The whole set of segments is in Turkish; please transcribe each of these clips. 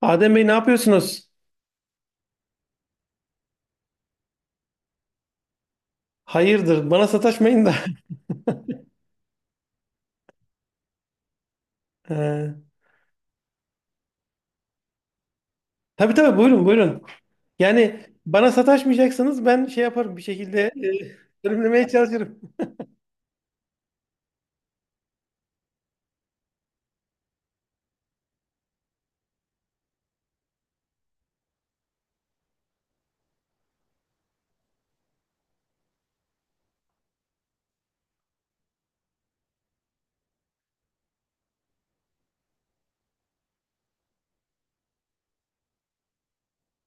Adem Bey ne yapıyorsunuz? Hayırdır, bana sataşmayın da. Ee, tabii tabii, buyurun buyurun. Yani bana sataşmayacaksanız ben şey yaparım bir şekilde önlemeye çalışırım.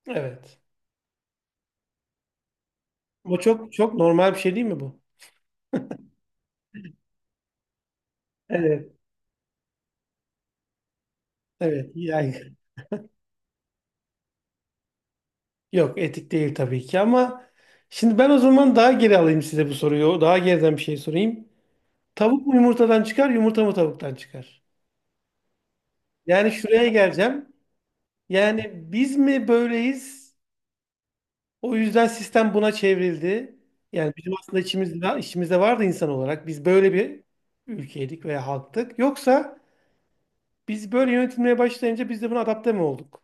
Evet. Bu çok çok normal bir şey değil mi bu? Evet. Evet. Yani yok, etik değil tabii ki ama şimdi ben o zaman daha geri alayım size bu soruyu. Daha geriden bir şey sorayım. Tavuk mu yumurtadan çıkar, yumurta mı tavuktan çıkar? Yani şuraya geleceğim. Yani biz mi böyleyiz? O yüzden sistem buna çevrildi. Yani bizim aslında içimizde, içimizde vardı insan olarak. Biz böyle bir ülkeydik veya halktık. Yoksa biz böyle yönetilmeye başlayınca biz de buna adapte mi olduk?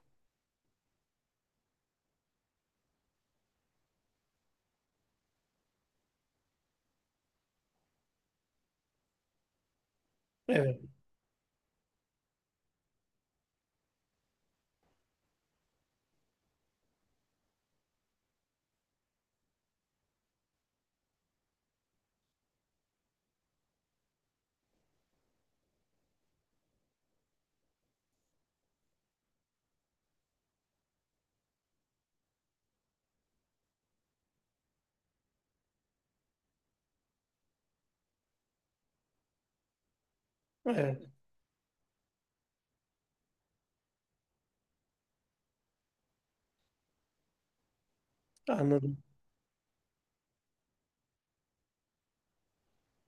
Evet, evet, anladım.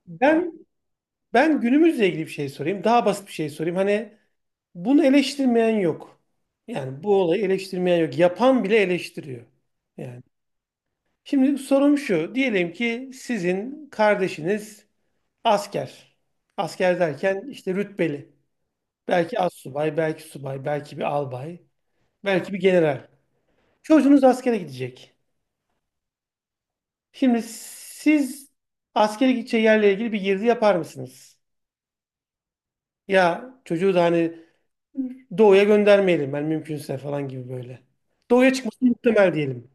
Ben ben günümüzle ilgili bir şey sorayım. Daha basit bir şey sorayım. Hani bunu eleştirmeyen yok. Yani bu olayı eleştirmeyen yok. Yapan bile eleştiriyor. Yani. Şimdi sorum şu. Diyelim ki sizin kardeşiniz asker. Asker derken işte rütbeli. Belki assubay, belki subay, belki bir albay, belki bir general. Çocuğunuz askere gidecek. Şimdi siz askere gideceği yerle ilgili bir girdi yapar mısınız? Ya çocuğu da hani doğuya göndermeyelim ben mümkünse falan gibi böyle. Doğuya çıkması muhtemel diyelim.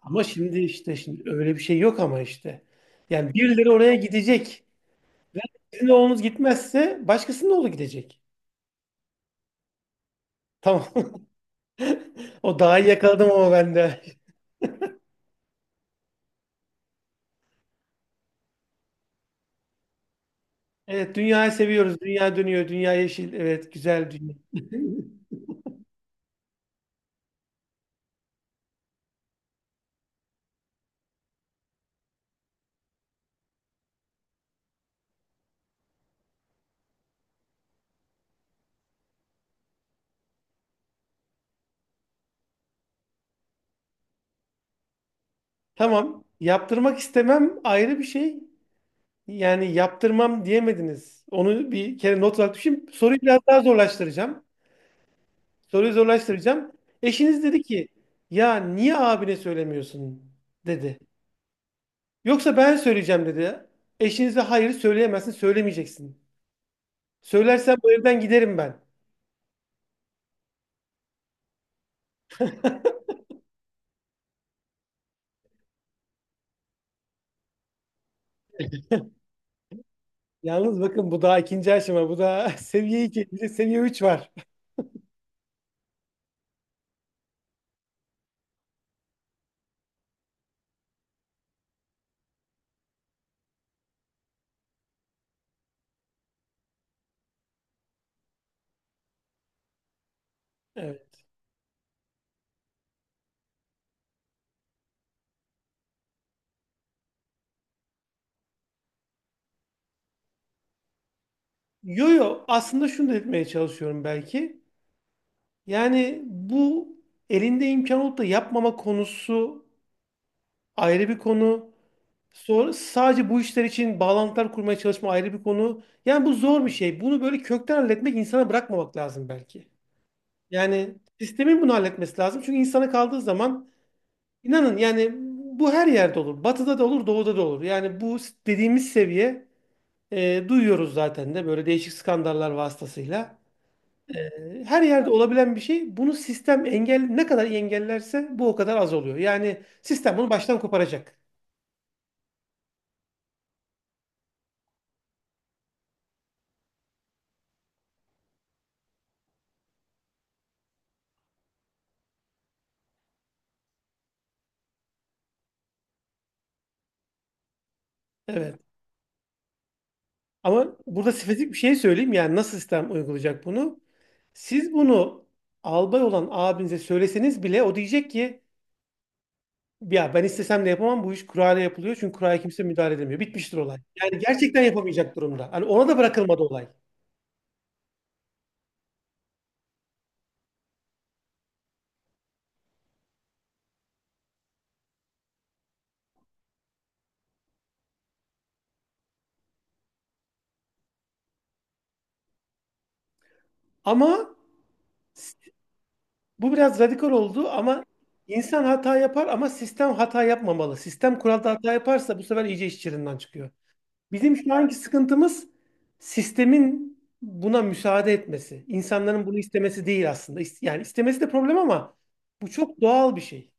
Ama şimdi işte şimdi öyle bir şey yok ama işte. Yani birileri oraya gidecek. Ve sizin oğlunuz gitmezse başkasının oğlu gidecek. Tamam. O daha iyi, yakaladım ama ben de. Evet, dünyayı seviyoruz. Dünya dönüyor, dünya yeşil. Evet, güzel dünya. Tamam. Yaptırmak istemem ayrı bir şey. Yani yaptırmam diyemediniz. Onu bir kere not olarak düşün. Soruyu biraz daha zorlaştıracağım. Soruyu zorlaştıracağım. Eşiniz dedi ki, ya niye abine söylemiyorsun dedi. Yoksa ben söyleyeceğim dedi. Eşinize hayır söyleyemezsin, söylemeyeceksin. Söylersen bu evden giderim ben. Yalnız bakın bu daha ikinci aşama. Bu daha seviye 2, bir de seviye 3 var. Evet. Yo yo, aslında şunu da etmeye çalışıyorum belki. Yani bu, elinde imkan olup da yapmama konusu ayrı bir konu. Sonra sadece bu işler için bağlantılar kurmaya çalışma ayrı bir konu. Yani bu zor bir şey. Bunu böyle kökten halletmek, insana bırakmamak lazım belki. Yani sistemin bunu halletmesi lazım. Çünkü insana kaldığı zaman İnanın yani bu her yerde olur. Batıda da olur, doğuda da olur. Yani bu dediğimiz seviye, duyuyoruz zaten de böyle değişik skandallar vasıtasıyla. Her yerde olabilen bir şey. Bunu sistem engel ne kadar iyi engellerse bu o kadar az oluyor. Yani sistem bunu baştan koparacak. Evet. Ama burada spesifik bir şey söyleyeyim. Yani nasıl sistem uygulayacak bunu? Siz bunu albay olan abinize söyleseniz bile o diyecek ki ya ben istesem de yapamam, bu iş kurayla yapılıyor çünkü kuraya kimse müdahale edemiyor. Bitmiştir olay. Yani gerçekten yapamayacak durumda. Hani ona da bırakılmadı olay. Ama s- bu biraz radikal oldu ama insan hata yapar ama sistem hata yapmamalı. Sistem kuralda hata yaparsa bu sefer iyice iş çığırından çıkıyor. Bizim şu anki sıkıntımız sistemin buna müsaade etmesi. İnsanların bunu istemesi değil aslında. Yani istemesi de problem ama bu çok doğal bir şey.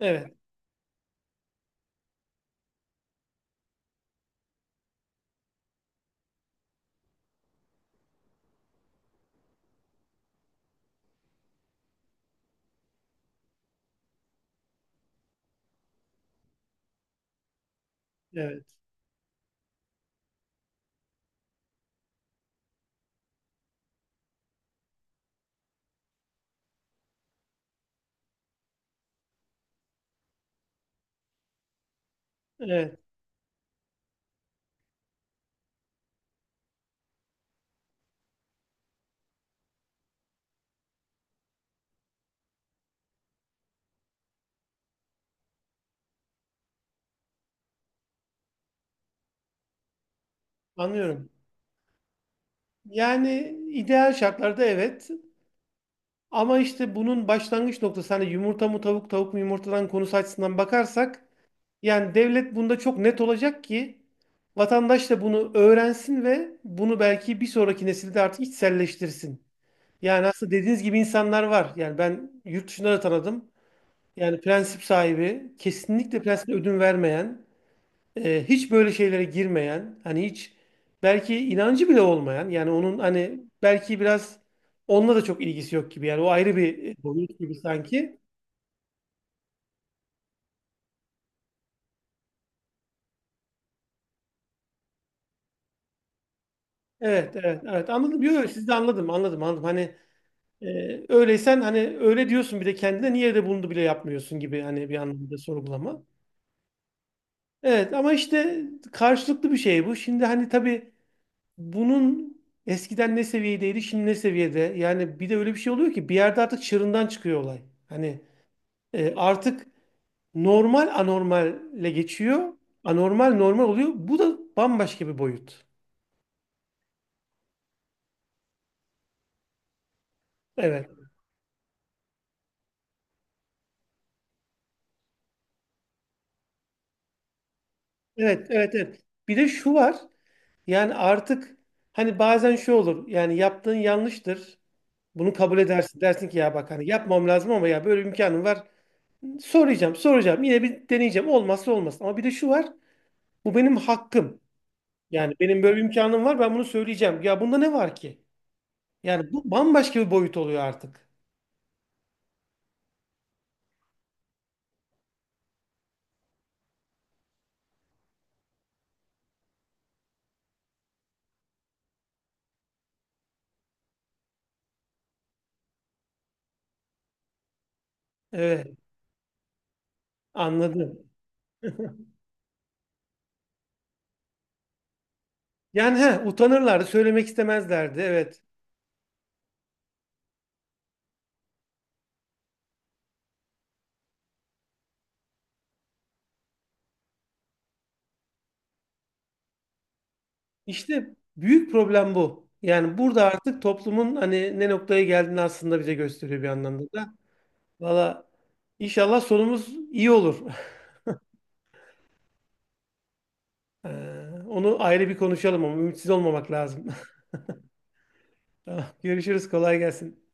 Evet, evet, evet. Anlıyorum. Yani ideal şartlarda evet. Ama işte bunun başlangıç noktası, hani yumurta mı tavuk, tavuk mu yumurtadan konusu açısından bakarsak, yani devlet bunda çok net olacak ki vatandaş da bunu öğrensin ve bunu belki bir sonraki nesilde artık içselleştirsin. Yani aslında dediğiniz gibi insanlar var. Yani ben yurt dışında da tanıdım. Yani prensip sahibi, kesinlikle prensip ödün vermeyen, hiç böyle şeylere girmeyen, hani hiç belki inancı bile olmayan, yani onun hani belki biraz onunla da çok ilgisi yok gibi. Yani o ayrı bir boyut gibi sanki. Evet, evet, evet. Anladım. Yok, yok, siz de anladım, anladım, anladım. Hani öyleysen hani öyle diyorsun bir de kendine, niye de bunu bile yapmıyorsun gibi, hani bir anlamda sorgulama. Evet ama işte karşılıklı bir şey bu. Şimdi hani tabii bunun eskiden ne seviyedeydi, şimdi ne seviyede? Yani bir de öyle bir şey oluyor ki bir yerde artık çığırından çıkıyor olay. Hani artık normal anormalle geçiyor. Anormal normal oluyor. Bu da bambaşka bir boyut. Evet. Evet, evet, evet. Bir de şu var. Yani artık hani bazen şu olur. Yani yaptığın yanlıştır. Bunu kabul edersin. Dersin ki ya bak hani yapmam lazım ama ya böyle bir imkanım var. Soracağım, soracağım. Yine bir deneyeceğim. Olmazsa olmaz. Ama bir de şu var. Bu benim hakkım. Yani benim böyle bir imkanım var, ben bunu söyleyeceğim. Ya bunda ne var ki? Yani bu bambaşka bir boyut oluyor artık. Evet, anladım. Yani he, utanırlardı, söylemek istemezlerdi evet. İşte büyük problem bu. Yani burada artık toplumun hani ne noktaya geldiğini aslında bize gösteriyor bir anlamda da. Valla inşallah sonumuz iyi olur. Ee, Onu ayrı bir konuşalım ama ümitsiz olmamak lazım. Tamam, görüşürüz, kolay gelsin.